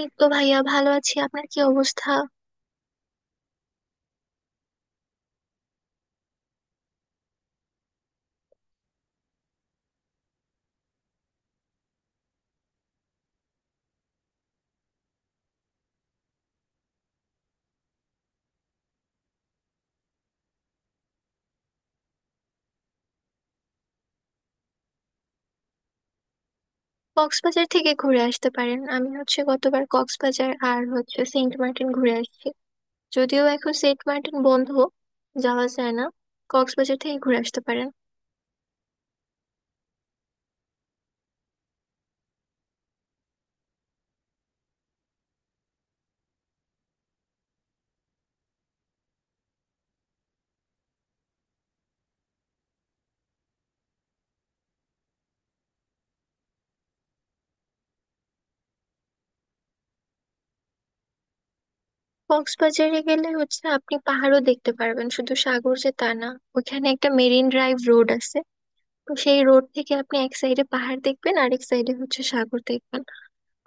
এই তো ভাইয়া, ভালো আছি। আপনার কি অবস্থা? কক্সবাজার থেকে ঘুরে আসতে পারেন। আমি গতবার কক্সবাজার আর সেন্ট মার্টিন ঘুরে আসছি। যদিও এখন সেন্ট মার্টিন বন্ধ, যাওয়া যায় না। কক্সবাজার থেকে ঘুরে আসতে পারেন। কক্সবাজারে গেলে আপনি পাহাড়ও দেখতে পারবেন, শুধু সাগর যে তা না। ওখানে একটা মেরিন ড্রাইভ রোড আছে। তো সেই রোড থেকে আপনি এক সাইডে পাহাড় দেখবেন আর এক সাইডে সাগর দেখবেন।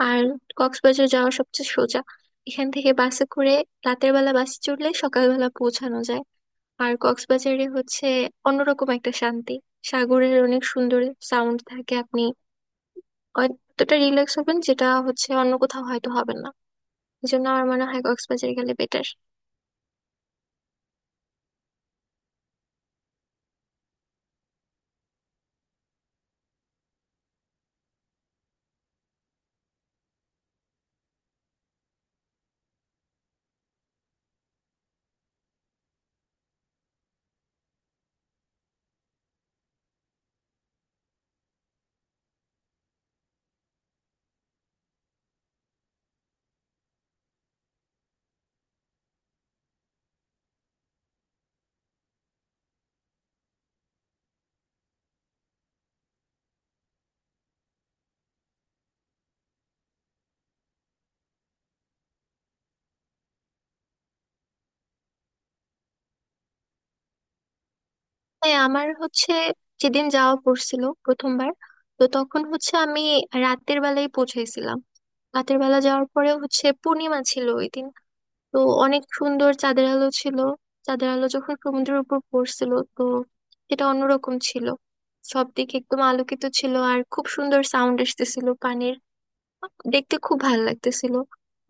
আর কক্সবাজার যাওয়া সবচেয়ে সোজা এখান থেকে বাসে করে। রাতের বেলা বাসে চড়লে সকালবেলা পৌঁছানো যায়। আর কক্সবাজারে অন্যরকম একটা শান্তি, সাগরের অনেক সুন্দর সাউন্ড থাকে। আপনি অতটা রিল্যাক্স হবেন যেটা অন্য কোথাও হয়তো হবেন না। এই জন্য আমার মনে হয় কক্সবাজার গেলে বেটার। হ্যাঁ, আমার যেদিন যাওয়া পড়ছিল প্রথমবার, তো তখন আমি রাতের বেলায় পৌঁছেছিলাম। রাতের বেলা যাওয়ার পরে পূর্ণিমা ছিল ওই দিন। তো অনেক সুন্দর চাঁদের আলো ছিল। চাঁদের আলো যখন সমুদ্রের উপর পড়ছিল তো সেটা অন্যরকম ছিল। সব দিক একদম আলোকিত ছিল আর খুব সুন্দর সাউন্ড আসতেছিল পানির, দেখতে খুব ভালো লাগতেছিল।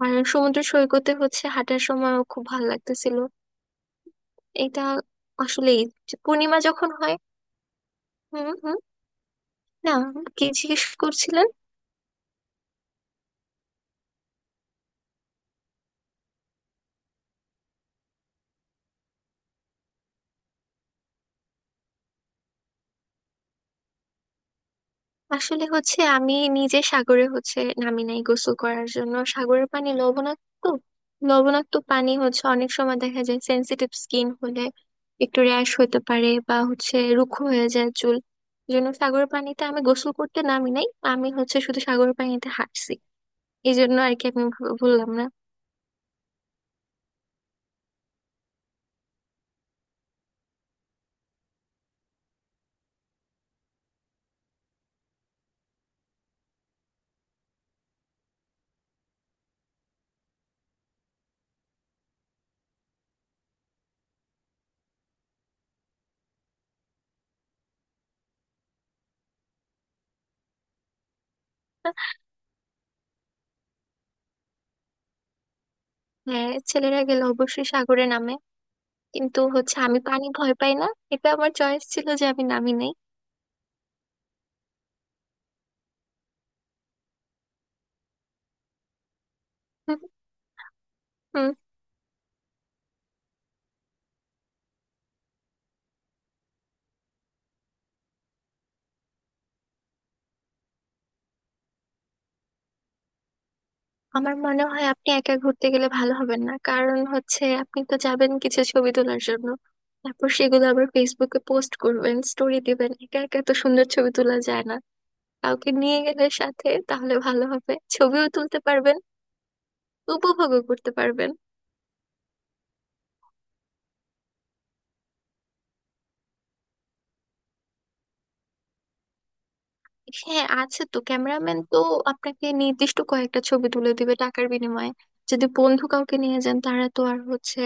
আর সমুদ্র সৈকতে হাঁটার সময়ও খুব ভালো লাগতেছিল এটা আসলেই। যে পূর্ণিমা যখন হয়। হুম, হুম। না, কি জিজ্ঞেস করছিলেন? আসলে আমি নিজে সাগরে নামি নাই গোসল করার জন্য। সাগরের পানি লবণাক্ত। লবণাক্ত পানি অনেক সময় দেখা যায় সেনসিটিভ স্কিন হলে একটু র্যাশ হতে পারে বা রুক্ষ হয়ে যায় চুল। এই জন্য সাগরের পানিতে আমি গোসল করতে নামি নাই। আমি শুধু সাগরের পানিতে হাঁটছি। এই জন্য আর কি আমি ভুললাম না। হ্যাঁ, ছেলেরা গেলে অবশ্যই সাগরে নামে। কিন্তু আমি পানি ভয় পাই না। এটা আমার চয়েস ছিল যে আমি নামি নাই। আমার মনে হয় আপনি একা ঘুরতে গেলে ভালো হবেন না। কারণ আপনি তো যাবেন কিছু ছবি তোলার জন্য, তারপর সেগুলো আবার ফেসবুকে পোস্ট করবেন, স্টোরি দিবেন। একা একা তো সুন্দর ছবি তোলা যায় না। কাউকে নিয়ে গেলে সাথে তাহলে ভালো হবে, ছবিও তুলতে পারবেন, উপভোগও করতে পারবেন। হ্যাঁ, আছে তো ক্যামেরাম্যান, তো আপনাকে নির্দিষ্ট কয়েকটা ছবি তুলে দিবে টাকার বিনিময়ে। যদি বন্ধু কাউকে নিয়ে যান, তারা তো আর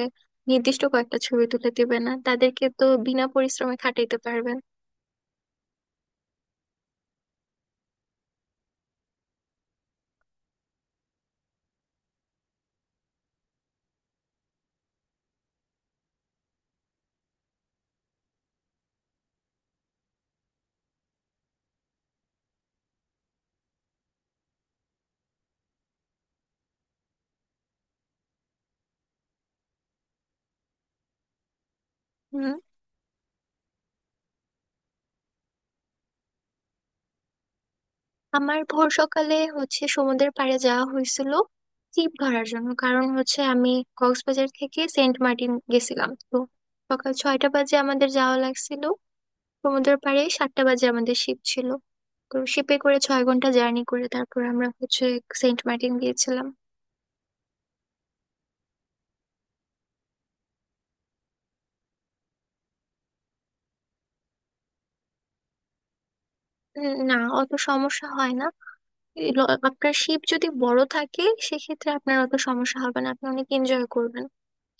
নির্দিষ্ট কয়েকটা ছবি তুলে দিবে না, তাদেরকে তো বিনা পরিশ্রমে খাটাইতে পারবেন। হুম। আমার ভোর সকালে সমুদ্রের পাড়ে যাওয়া হয়েছিল ছিপ ধরার জন্য। কারণ আমি কক্সবাজার থেকে সেন্ট মার্টিন গেছিলাম তো, সকাল 6টা বাজে আমাদের যাওয়া লাগছিল সমুদ্রের পাড়ে। 7টা বাজে আমাদের শিপ ছিল। তো শিপে করে 6 ঘন্টা জার্নি করে তারপর আমরা সেন্ট মার্টিন গিয়েছিলাম। না, অত সমস্যা হয় না। আপনার শিপ যদি বড় থাকে সেক্ষেত্রে আপনার অত সমস্যা হবে না, আপনি অনেক এনজয় করবেন।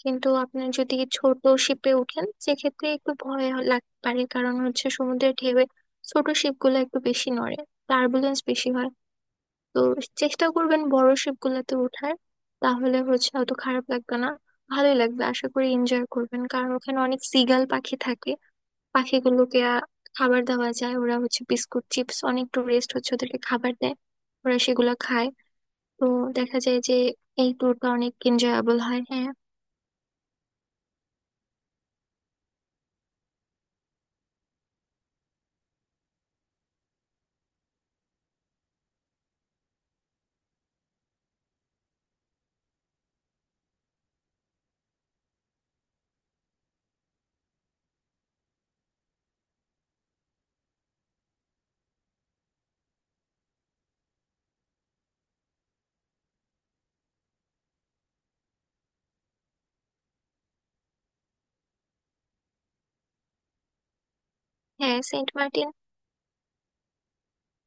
কিন্তু আপনি যদি ছোট শিপে ওঠেন সেক্ষেত্রে একটু লাগতে পারে, কারণ সমুদ্রের ঢেউয়ে ছোট শিপগুলো একটু বেশি নড়ে, টার্বুলেন্স বেশি হয়। তো চেষ্টা করবেন বড় শিপগুলোতে ওঠার, তাহলে অত খারাপ লাগবে না, ভালোই লাগবে। আশা করি এনজয় করবেন, কারণ ওখানে অনেক সিগাল পাখি থাকে। পাখিগুলোকে খাবার দেওয়া যায়। ওরা বিস্কুট চিপস, অনেক টুরিস্ট ওদেরকে খাবার দেয়, ওরা সেগুলো খায়। তো দেখা যায় যে এই ট্যুরটা অনেক এনজয়াবল হয়। হ্যাঁ, হ্যাঁ, সেন্ট মার্টিন।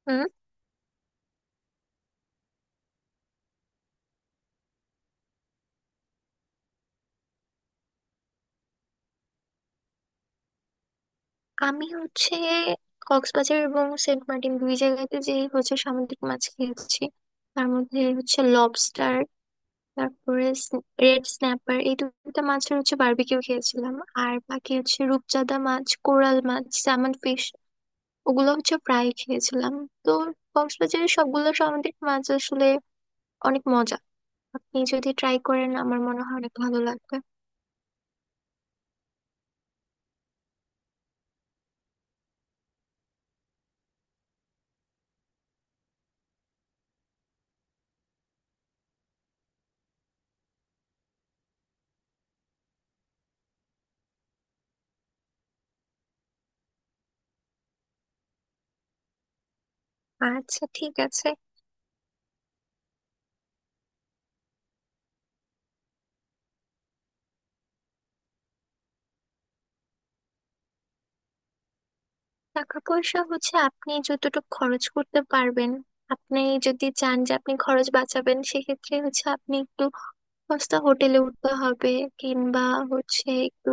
হুম। আমি কক্সবাজার এবং সেন্ট মার্টিন দুই জায়গাতে যে সামুদ্রিক মাছ খেয়েছি, তার মধ্যে লবস্টার, তারপরে রেড স্ন্যাপার, এই দুটো মাছের বারবিকিউ খেয়েছিলাম। আর বাকি রূপচাঁদা মাছ, কোরাল মাছ, স্যামন ফিশ, ওগুলো ফ্রাই খেয়েছিলাম। তো কক্সবাজারের সবগুলো সামুদ্রিক মাছ আসলে অনেক মজা, আপনি যদি ট্রাই করেন আমার মনে হয় অনেক ভালো লাগবে। আচ্ছা, ঠিক আছে। টাকা পয়সা আপনি যতটুকু খরচ করতে পারবেন। আপনি যদি চান যে আপনি খরচ বাঁচাবেন সেক্ষেত্রে আপনি একটু সস্তা হোটেলে উঠতে হবে, কিংবা একটু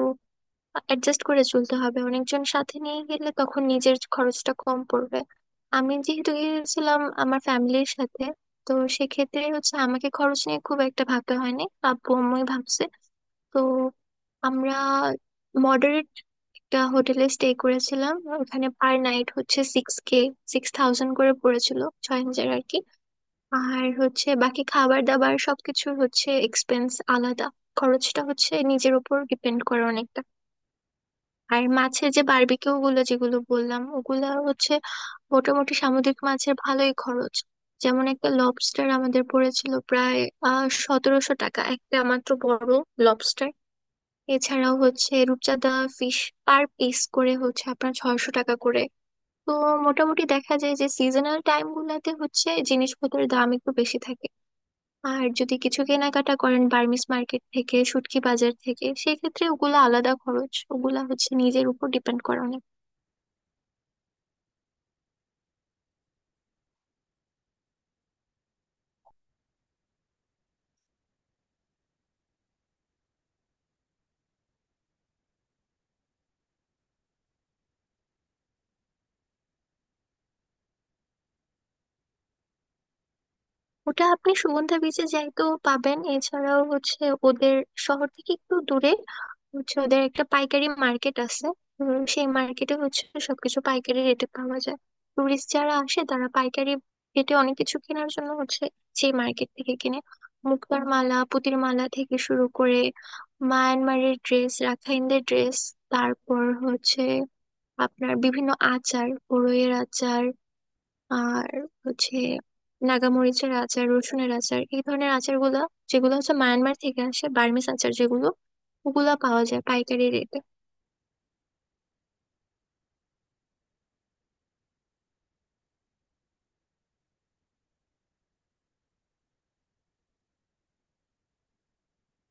অ্যাডজাস্ট করে চলতে হবে। অনেকজন সাথে নিয়ে গেলে তখন নিজের খরচটা কম পড়বে। আমি যেহেতু গিয়েছিলাম আমার ফ্যামিলির সাথে, তো সেক্ষেত্রে আমাকে খরচ নিয়ে খুব একটা ভাবতে হয়নি, আব্বু আম্মুই ভাবছে। তো আমরা মডারেট একটা হোটেলে স্টে করেছিলাম। ওখানে পার নাইট 6K, 6,000 করে পড়েছিল, 6,000 আর কি। আর বাকি খাবার দাবার সবকিছুর এক্সপেন্স আলাদা। খরচটা নিজের উপর ডিপেন্ড করে অনেকটা। আর মাছের যে বারবিকিউ গুলো যেগুলো বললাম ওগুলো মোটামুটি সামুদ্রিক মাছের ভালোই খরচ। যেমন একটা লবস্টার আমাদের পড়েছিল প্রায় 1,700 টাকা, একটা মাত্র বড় লবস্টার। এছাড়াও রূপচাঁদা ফিশ পার পিস করে আপনার 600 টাকা করে। তো মোটামুটি দেখা যায় যে সিজনাল টাইম গুলাতে জিনিসপত্রের দাম একটু বেশি থাকে। আর যদি কিছু কেনাকাটা করেন বার্মিস মার্কেট থেকে, শুটকি বাজার থেকে, সেক্ষেত্রে ওগুলা আলাদা খরচ, ওগুলা নিজের উপর ডিপেন্ড করে অনেক। ওটা আপনি সুগন্ধা বিচে যাইতেও পাবেন, এছাড়াও ওদের শহর থেকে একটু দূরে ওদের একটা পাইকারি মার্কেট আছে। সেই মার্কেটে সবকিছু পাইকারি রেটে পাওয়া যায়। টুরিস্ট যারা আসে তারা পাইকারি রেটে অনেক কিছু কেনার জন্য সেই মার্কেট থেকে কিনে মুক্তার মালা, পুতির মালা থেকে শুরু করে মায়ানমারের ড্রেস, রাখাইনদের ড্রেস, তারপর আপনার বিভিন্ন আচার, বড়ইয়ের আচার, আর হচ্ছে নাগামরিচের আচার, রসুনের আচার, এই ধরনের আচারগুলো যেগুলো মায়ানমার থেকে আসে, বার্মিজ আচার, যেগুলো ওগুলা পাওয়া যায় পাইকারি রেটে।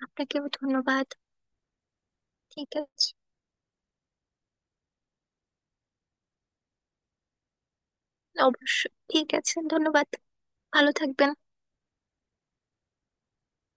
আপনাকেও ধন্যবাদ। ঠিক আছে। অবশ্যই, ঠিক আছে। ধন্যবাদ। ভালো থাকবেন।